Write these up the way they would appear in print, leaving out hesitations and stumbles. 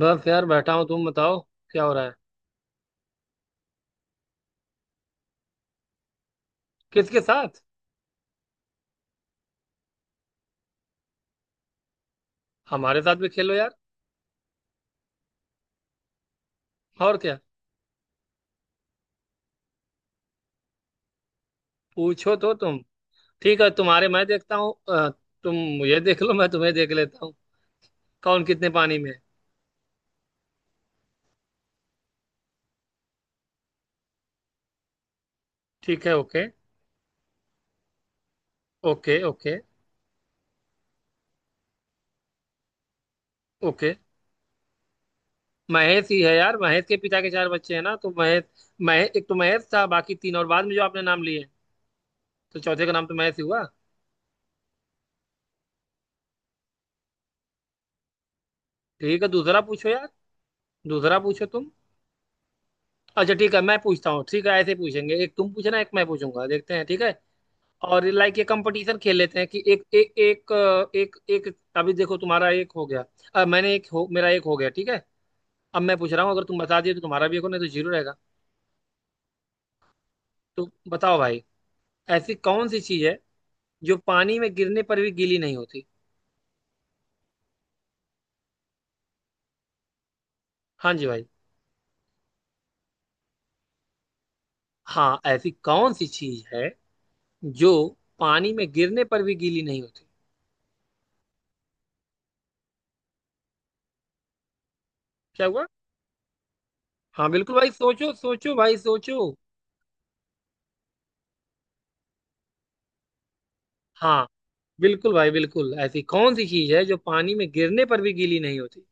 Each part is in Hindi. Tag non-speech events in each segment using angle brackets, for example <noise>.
बस यार बैठा हूँ। तुम बताओ क्या हो रहा है। किसके साथ? हमारे साथ भी खेलो यार। और क्या? पूछो तो तुम। ठीक है, तुम्हारे मैं देखता हूँ। तुम मुझे देख लो, मैं तुम्हें देख लेता हूँ। कौन कितने पानी में है। ठीक है। Okay okay. Okay okay. Mahesh ही है यार। महेश के पिता के चार बच्चे हैं ना, तो महेश महेश एक तो महेश था, बाकी तीन और बाद में जो आपने नाम लिए हैं। तो चौथे का नाम तो महेश ही हुआ। ठीक है, दूसरा पूछो यार। दूसरा पूछो तुम। अच्छा ठीक है, मैं पूछता हूँ। ठीक है, ऐसे पूछेंगे। एक तुम पूछना, एक मैं पूछूंगा, देखते हैं। ठीक है, और लाइक ये कंपटीशन खेल लेते हैं कि एक एक एक अ, एक एक अभी देखो तुम्हारा एक हो गया। अब मैंने एक हो मेरा एक हो गया, ठीक है। अब मैं पूछ रहा हूँ, अगर तुम बता दिए तो तुम्हारा भी एक हो, नहीं तो जीरो रहेगा। तो बताओ भाई, ऐसी कौन सी चीज है जो पानी में गिरने पर भी गीली नहीं होती। हाँ जी भाई। हाँ, ऐसी कौन सी चीज है जो पानी में गिरने पर भी गीली नहीं होती। क्या हुआ? हाँ बिल्कुल भाई, सोचो सोचो भाई सोचो। हाँ बिल्कुल भाई बिल्कुल, ऐसी कौन सी चीज है जो पानी में गिरने पर भी गीली नहीं होती।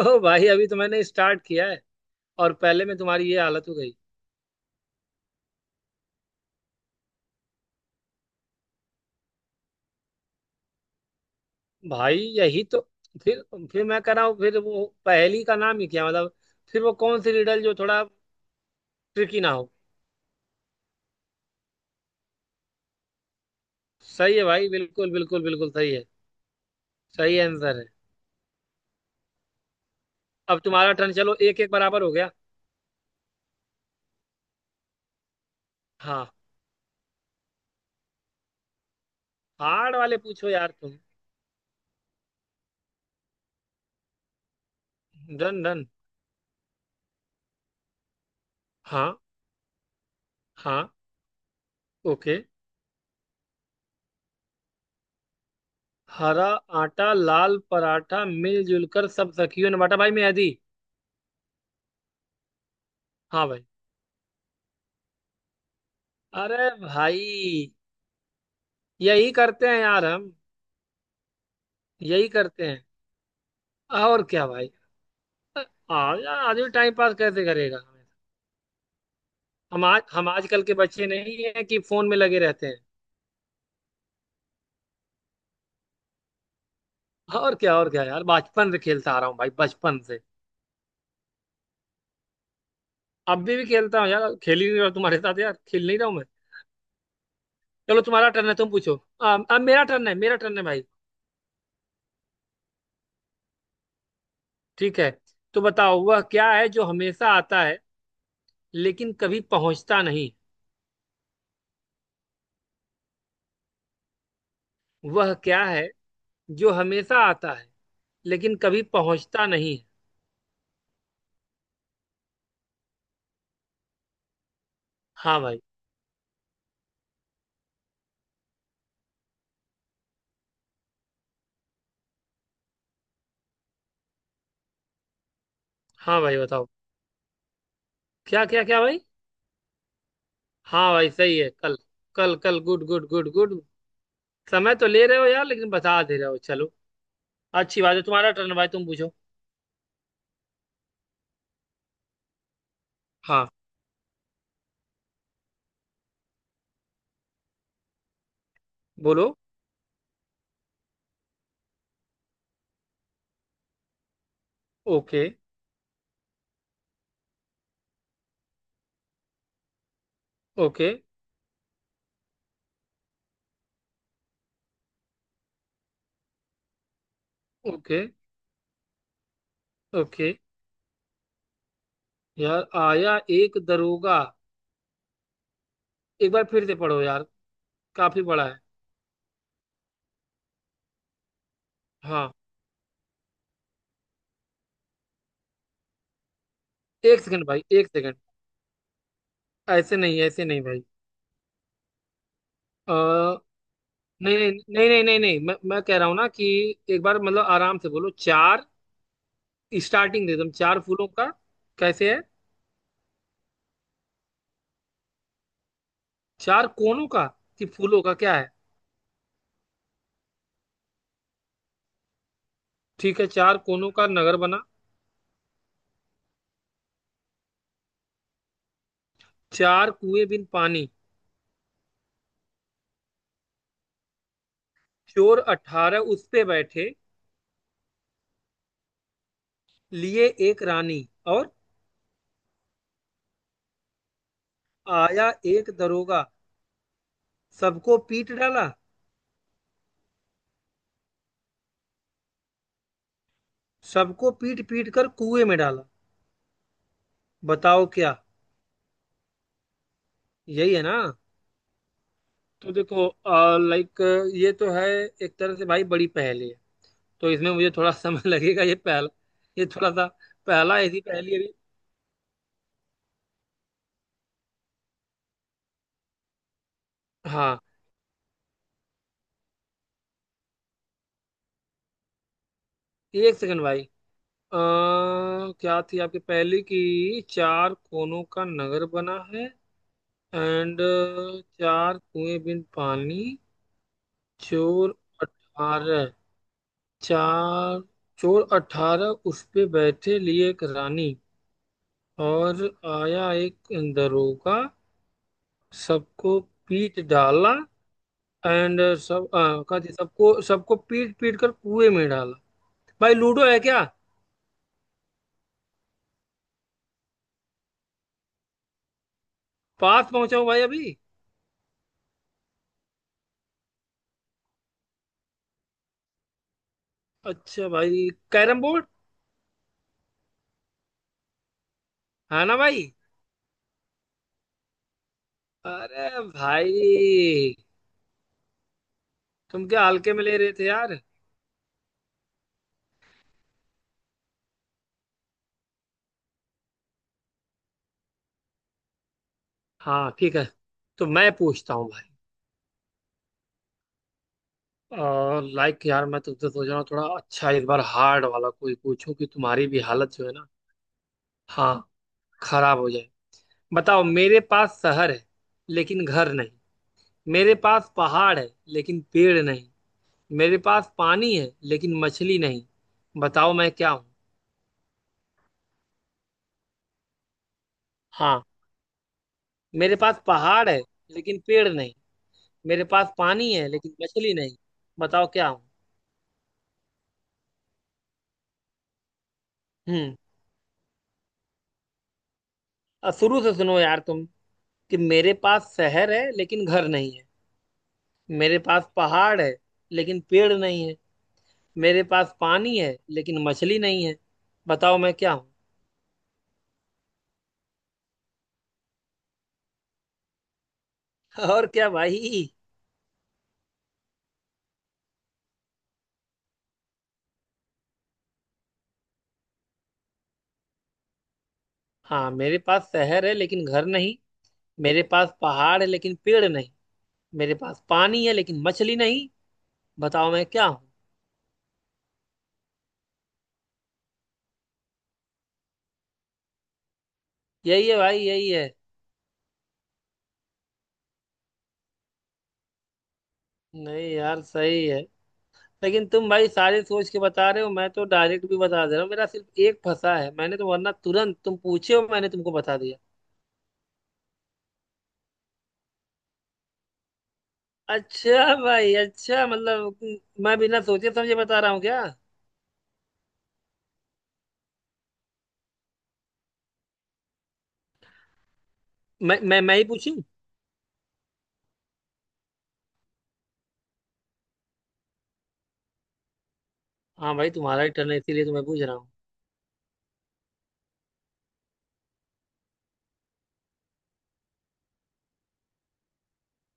ओ भाई, अभी तो मैंने स्टार्ट किया है और पहले में तुम्हारी ये हालत हो गई। भाई यही तो। फिर फिर मैं कह रहा हूँ, फिर वो पहेली का नाम ही क्या मतलब। फिर वो कौन सी रिडल जो थोड़ा ट्रिकी ना हो। सही है भाई, बिल्कुल बिल्कुल बिल्कुल सही है। सही आंसर है। अब तुम्हारा टर्न, चलो एक एक बराबर हो गया। हाँ, हार्ड वाले पूछो यार तुम। Done done. हाँ हाँ। ओके। हरा आटा, लाल पराठा, मिलजुल कर सब सखियों ने बांटा। भाई मैं दी। हाँ भाई। अरे भाई, यही करते हैं यार हम। यही करते हैं। और क्या भाई। हाँ यार, आदमी टाइम पास कैसे करेगा। हम आजकल के बच्चे नहीं है कि फोन में लगे रहते हैं। और क्या, और क्या यार, बचपन से खेलता आ रहा हूँ भाई, बचपन से। अभी भी खेलता हूँ यार, खेल नहीं रहा हूँ मैं। चलो तुम्हारा टर्न है, तुम पूछो। अब मेरा टर्न है, मेरा टर्न है भाई। ठीक है, तो बताओ वह क्या है जो हमेशा आता है लेकिन कभी पहुंचता नहीं। वह क्या है जो हमेशा आता है लेकिन कभी पहुंचता नहीं। हाँ भाई। हाँ भाई बताओ। क्या क्या क्या भाई? हाँ भाई, सही है कल। कल कल, गुड गुड गुड गुड। समय तो ले रहे हो यार, लेकिन बता दे रहे हो, चलो। अच्छी बात है, तुम्हारा टर्न भाई, तुम पूछो। हाँ बोलो। Okay okay. Okay okay. यार आया एक दरोगा। एक बार फिर से पढ़ो यार, काफी बड़ा है। हाँ। एक सेकंड भाई, एक सेकंड। ऐसे नहीं, ऐसे नहीं भाई। आ, नहीं नहीं नहीं नहीं नहीं नहीं, मैं कह रहा हूँ ना कि एक बार मतलब आराम से बोलो। चार, स्टार्टिंग दे दो, चार फूलों का कैसे है। चार कोनों का? कि फूलों का क्या है? ठीक है, चार कोनों का नगर बना, चार कुएं बिन पानी, चोर अठारह उस पे बैठे लिए एक रानी, और आया एक दरोगा, सबको पीट डाला। सबको पीट पीट कर कुएं में डाला। बताओ क्या, यही है ना। तो देखो लाइक, ये तो है एक तरह से भाई, बड़ी पहेली है। तो इसमें मुझे थोड़ा <laughs> समय लगेगा, ये पहला, ये थोड़ा सा पहला ऐसी पहेली अभी। हाँ, एक सेकंड भाई। अ, क्या थी आपकी पहली की, चार कोनों का नगर बना है। एंड चार कुएं बिन पानी। चोर अठारह चार चोर अठारह उस पे बैठे लिए एक रानी। और आया एक दरोगा, सबको पीट डाला। एंड सब क्या थी, सबको सबको पीट पीट कर कुएं में डाला। भाई लूडो है क्या? पास पहुंचा हूं भाई अभी। अच्छा भाई, कैरम बोर्ड है ना भाई। अरे भाई, तुम क्या हल्के में ले रहे थे यार। हाँ ठीक है, तो मैं पूछता हूँ भाई। और लाइक यार, मैं तुमसे सोच रहा हूँ थोड़ा अच्छा, इस बार हार्ड वाला कोई पूछूं कि तुम्हारी भी हालत जो है ना। हाँ, खराब हो जाए। बताओ, मेरे पास शहर है लेकिन घर नहीं, मेरे पास पहाड़ है लेकिन पेड़ नहीं, मेरे पास पानी है लेकिन मछली नहीं। बताओ मैं क्या हूँ। हाँ, मेरे पास पहाड़ है लेकिन पेड़ नहीं, मेरे पास पानी है लेकिन मछली नहीं। बताओ क्या हूँ। हम्म। अब शुरू से सुनो यार तुम, कि मेरे पास शहर है लेकिन घर नहीं है, मेरे पास पहाड़ है लेकिन पेड़ नहीं है, मेरे पास पानी है लेकिन मछली नहीं है। बताओ मैं क्या हूँ। <laughs> और क्या भाई। हाँ, मेरे पास शहर है लेकिन घर नहीं, मेरे पास पहाड़ है लेकिन पेड़ नहीं, मेरे पास पानी है लेकिन मछली नहीं। बताओ मैं क्या हूँ। यही है भाई, यही है। नहीं यार सही है, लेकिन तुम भाई सारे सोच के बता रहे हो, मैं तो डायरेक्ट भी बता दे रहा हूँ। मेरा सिर्फ एक फंसा है मैंने, तो वरना तुरंत तुम पूछे हो मैंने तुमको बता दिया। अच्छा भाई, अच्छा मतलब मैं बिना सोचे समझे बता रहा हूँ क्या। मैं ही पूछूं? हाँ भाई, तुम्हारा ही टर्न है, इसीलिए तो मैं पूछ रहा हूँ।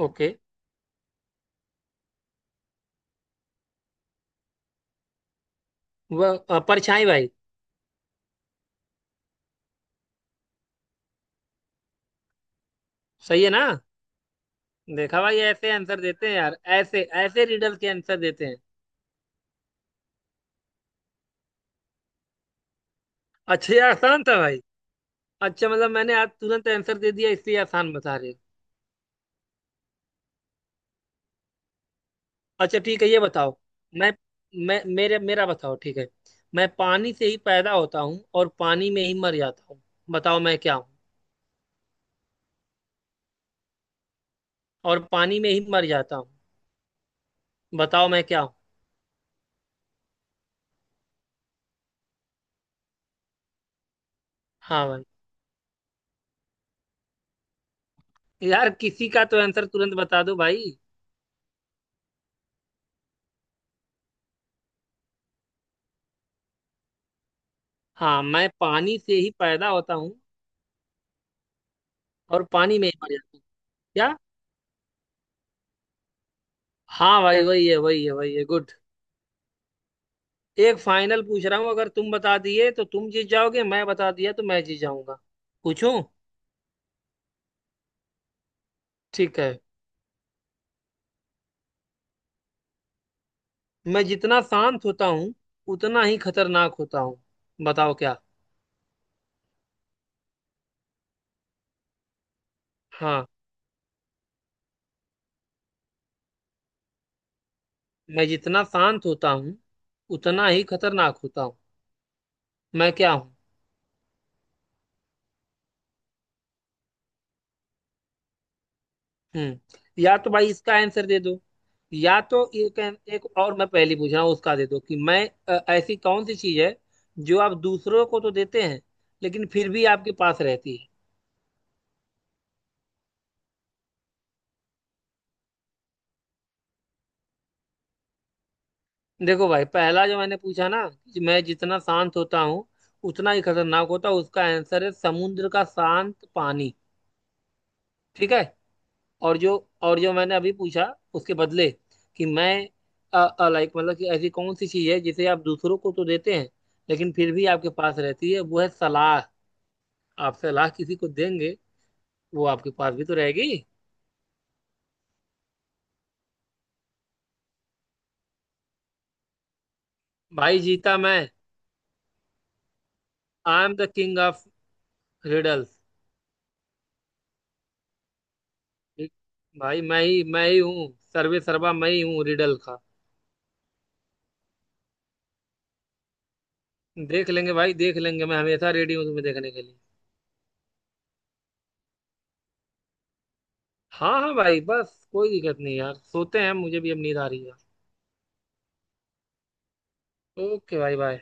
ओके। वह परछाई भाई। सही है ना? देखा भाई, ऐसे आंसर देते हैं यार, ऐसे ऐसे रिडल के आंसर देते हैं। अच्छा ये आसान था भाई। अच्छा मतलब मैंने आज तुरंत आंसर दे दिया इसलिए आसान बता रहे हो। अच्छा ठीक है, ये बताओ। मैं मैं मेरे मेरा बताओ, ठीक है। मैं पानी से ही पैदा होता हूँ और पानी में ही मर जाता हूँ। बताओ मैं क्या हूँ। और पानी में ही मर जाता हूँ। बताओ मैं क्या हूँ। हाँ भाई। यार किसी का तो आंसर तुरंत बता दो भाई। हाँ, मैं पानी से ही पैदा होता हूँ और पानी में ही मर जाता हूँ। क्या? हाँ भाई, वही है वही है वही है, गुड। एक फाइनल पूछ रहा हूँ, अगर तुम बता दिए तो तुम जीत जाओगे, मैं बता दिया तो मैं जीत जाऊंगा। पूछूं? ठीक है, मैं जितना शांत होता हूँ, उतना ही खतरनाक होता हूँ। बताओ क्या। हाँ, मैं जितना शांत होता हूँ उतना ही खतरनाक होता हूँ। मैं क्या हूँ। हम्म। या तो भाई इसका आंसर दे दो, या तो एक एक और मैं पहली पूछ रहा हूँ उसका दे दो कि मैं ऐसी कौन सी चीज है जो आप दूसरों को तो देते हैं लेकिन फिर भी आपके पास रहती है। देखो भाई, पहला जो मैंने पूछा ना कि मैं जितना शांत होता हूँ उतना ही खतरनाक होता हूँ, उसका आंसर है समुद्र का शांत पानी। ठीक है? और जो, और जो मैंने अभी पूछा उसके बदले, कि मैं लाइक मतलब कि ऐसी कौन सी चीज है जिसे आप दूसरों को तो देते हैं लेकिन फिर भी आपके पास रहती है, वो है सलाह। आप सलाह किसी को देंगे, वो आपके पास भी तो रहेगी। भाई जीता मैं। I am the king of riddles. भाई मैं ही, मैं ही हूँ, सर्वे सर्वा मैं ही हूँ रिडल का। देख लेंगे भाई, देख लेंगे, मैं हमेशा रेडी हूँ तुम्हें देखने के लिए। हाँ हाँ भाई, बस कोई दिक्कत नहीं यार, सोते हैं, मुझे भी अब नींद आ रही है। ओके भाई, बाय।